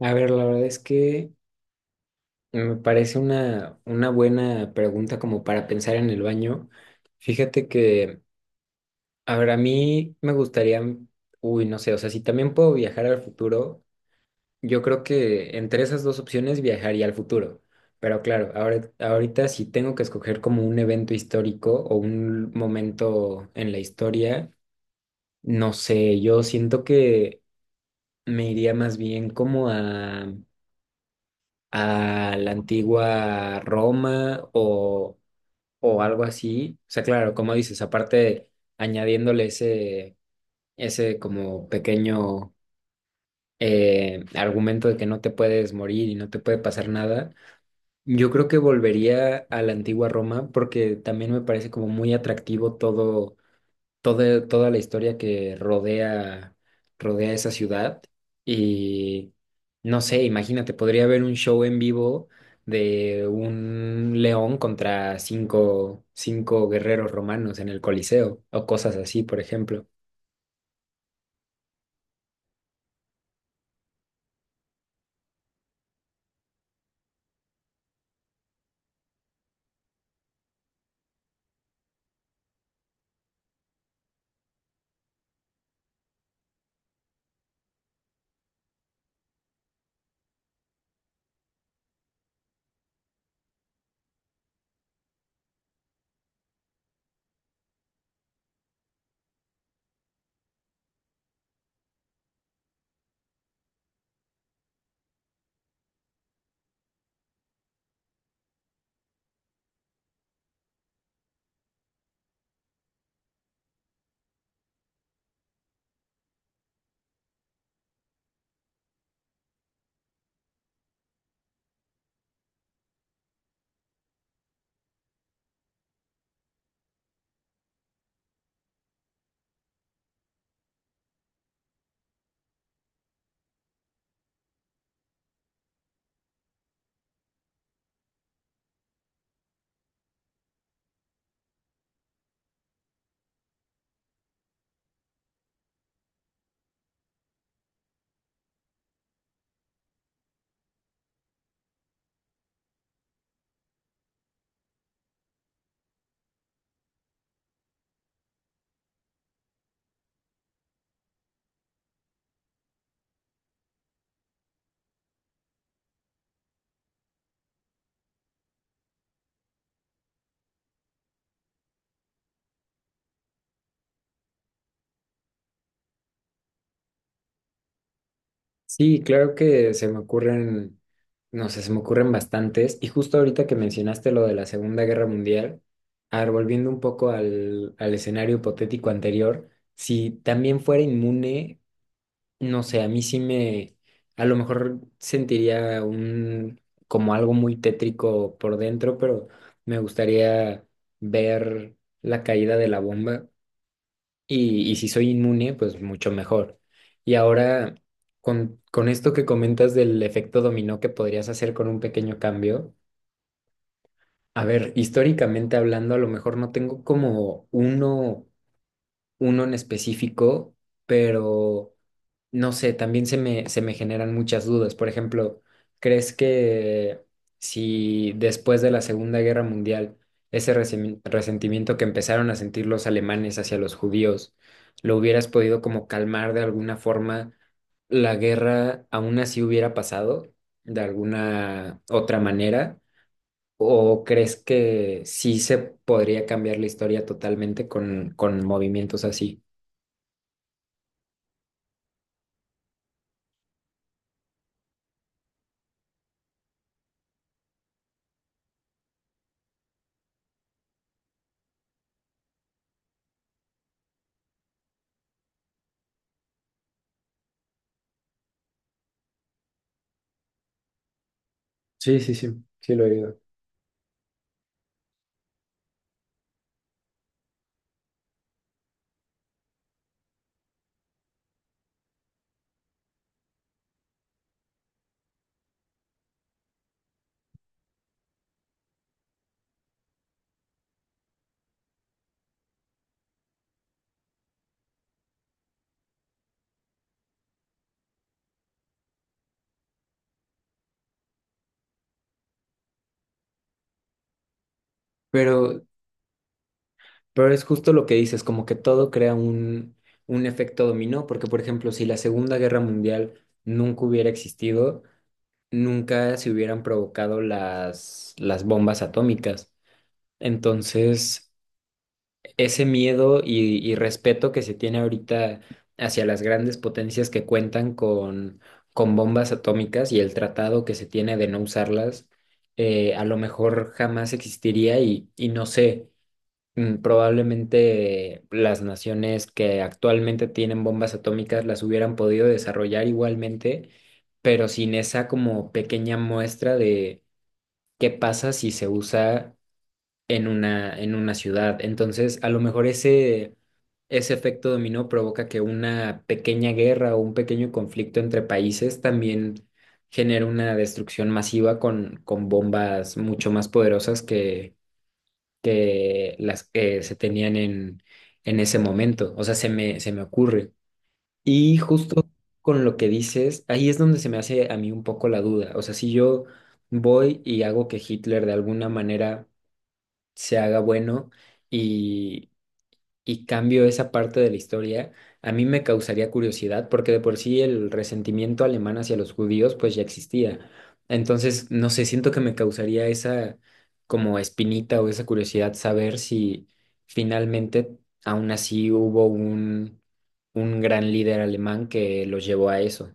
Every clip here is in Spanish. A ver, la verdad es que me parece una buena pregunta como para pensar en el baño. Fíjate que, a ver, a mí me gustaría, uy, no sé, o sea, si también puedo viajar al futuro, yo creo que entre esas dos opciones viajaría al futuro. Pero claro, ahorita si tengo que escoger como un evento histórico o un momento en la historia, no sé, yo siento que me iría más bien como a la antigua Roma o algo así. O sea, claro, como dices, aparte añadiéndole ese como pequeño argumento de que no te puedes morir y no te puede pasar nada, yo creo que volvería a la antigua Roma porque también me parece como muy atractivo todo toda la historia que rodea, rodea esa ciudad. Y no sé, imagínate, podría haber un show en vivo de un león contra cinco guerreros romanos en el Coliseo o cosas así, por ejemplo. Sí, claro que se me ocurren, no sé, se me ocurren bastantes. Y justo ahorita que mencionaste lo de la Segunda Guerra Mundial, a ver, volviendo un poco al escenario hipotético anterior, si también fuera inmune. No sé, a mí sí me, a lo mejor sentiría un, como algo muy tétrico por dentro, pero me gustaría ver la caída de la bomba y si soy inmune, pues mucho mejor. Y ahora, con esto que comentas del efecto dominó que podrías hacer con un pequeño cambio, a ver, históricamente hablando, a lo mejor no tengo como uno, uno en específico, pero... No sé, también se me generan muchas dudas. Por ejemplo, ¿crees que si después de la Segunda Guerra Mundial ese resentimiento que empezaron a sentir los alemanes hacia los judíos, lo hubieras podido como calmar de alguna forma, la guerra aún así hubiera pasado de alguna otra manera? ¿O crees que sí se podría cambiar la historia totalmente con movimientos así? Sí, sí, sí, sí lo he oído. Pero Pero es justo lo que dices, como que todo crea un efecto dominó, porque por ejemplo, si la Segunda Guerra Mundial nunca hubiera existido, nunca se hubieran provocado las bombas atómicas. Entonces, ese miedo y respeto que se tiene ahorita hacia las grandes potencias que cuentan con bombas atómicas y el tratado que se tiene de no usarlas, a lo mejor jamás existiría y no sé. Mm, probablemente las naciones que actualmente tienen bombas atómicas las hubieran podido desarrollar igualmente, pero sin esa como pequeña muestra de qué pasa si se usa en una ciudad. Entonces, a lo mejor ese, ese efecto dominó provoca que una pequeña guerra o un pequeño conflicto entre países también genere una destrucción masiva con bombas mucho más poderosas que las que se tenían en ese momento. O sea, se me ocurre. Y justo con lo que dices, ahí es donde se me hace a mí un poco la duda. O sea, si yo voy y hago que Hitler de alguna manera se haga bueno y y cambio esa parte de la historia, a mí me causaría curiosidad porque de por sí el resentimiento alemán hacia los judíos pues ya existía. Entonces, no sé, siento que me causaría esa como espinita o esa curiosidad saber si finalmente aún así hubo un gran líder alemán que los llevó a eso.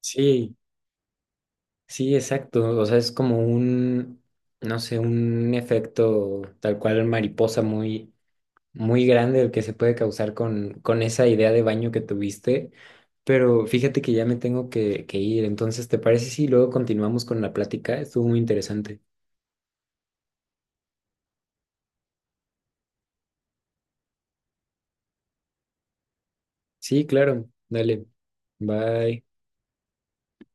Sí, sí, exacto. O sea, es como un, no sé, un efecto tal cual mariposa muy muy grande el que se puede causar con esa idea de baño que tuviste, pero fíjate que ya me tengo que ir, entonces, ¿te parece si luego continuamos con la plática? Estuvo muy interesante. Sí, claro, dale, bye.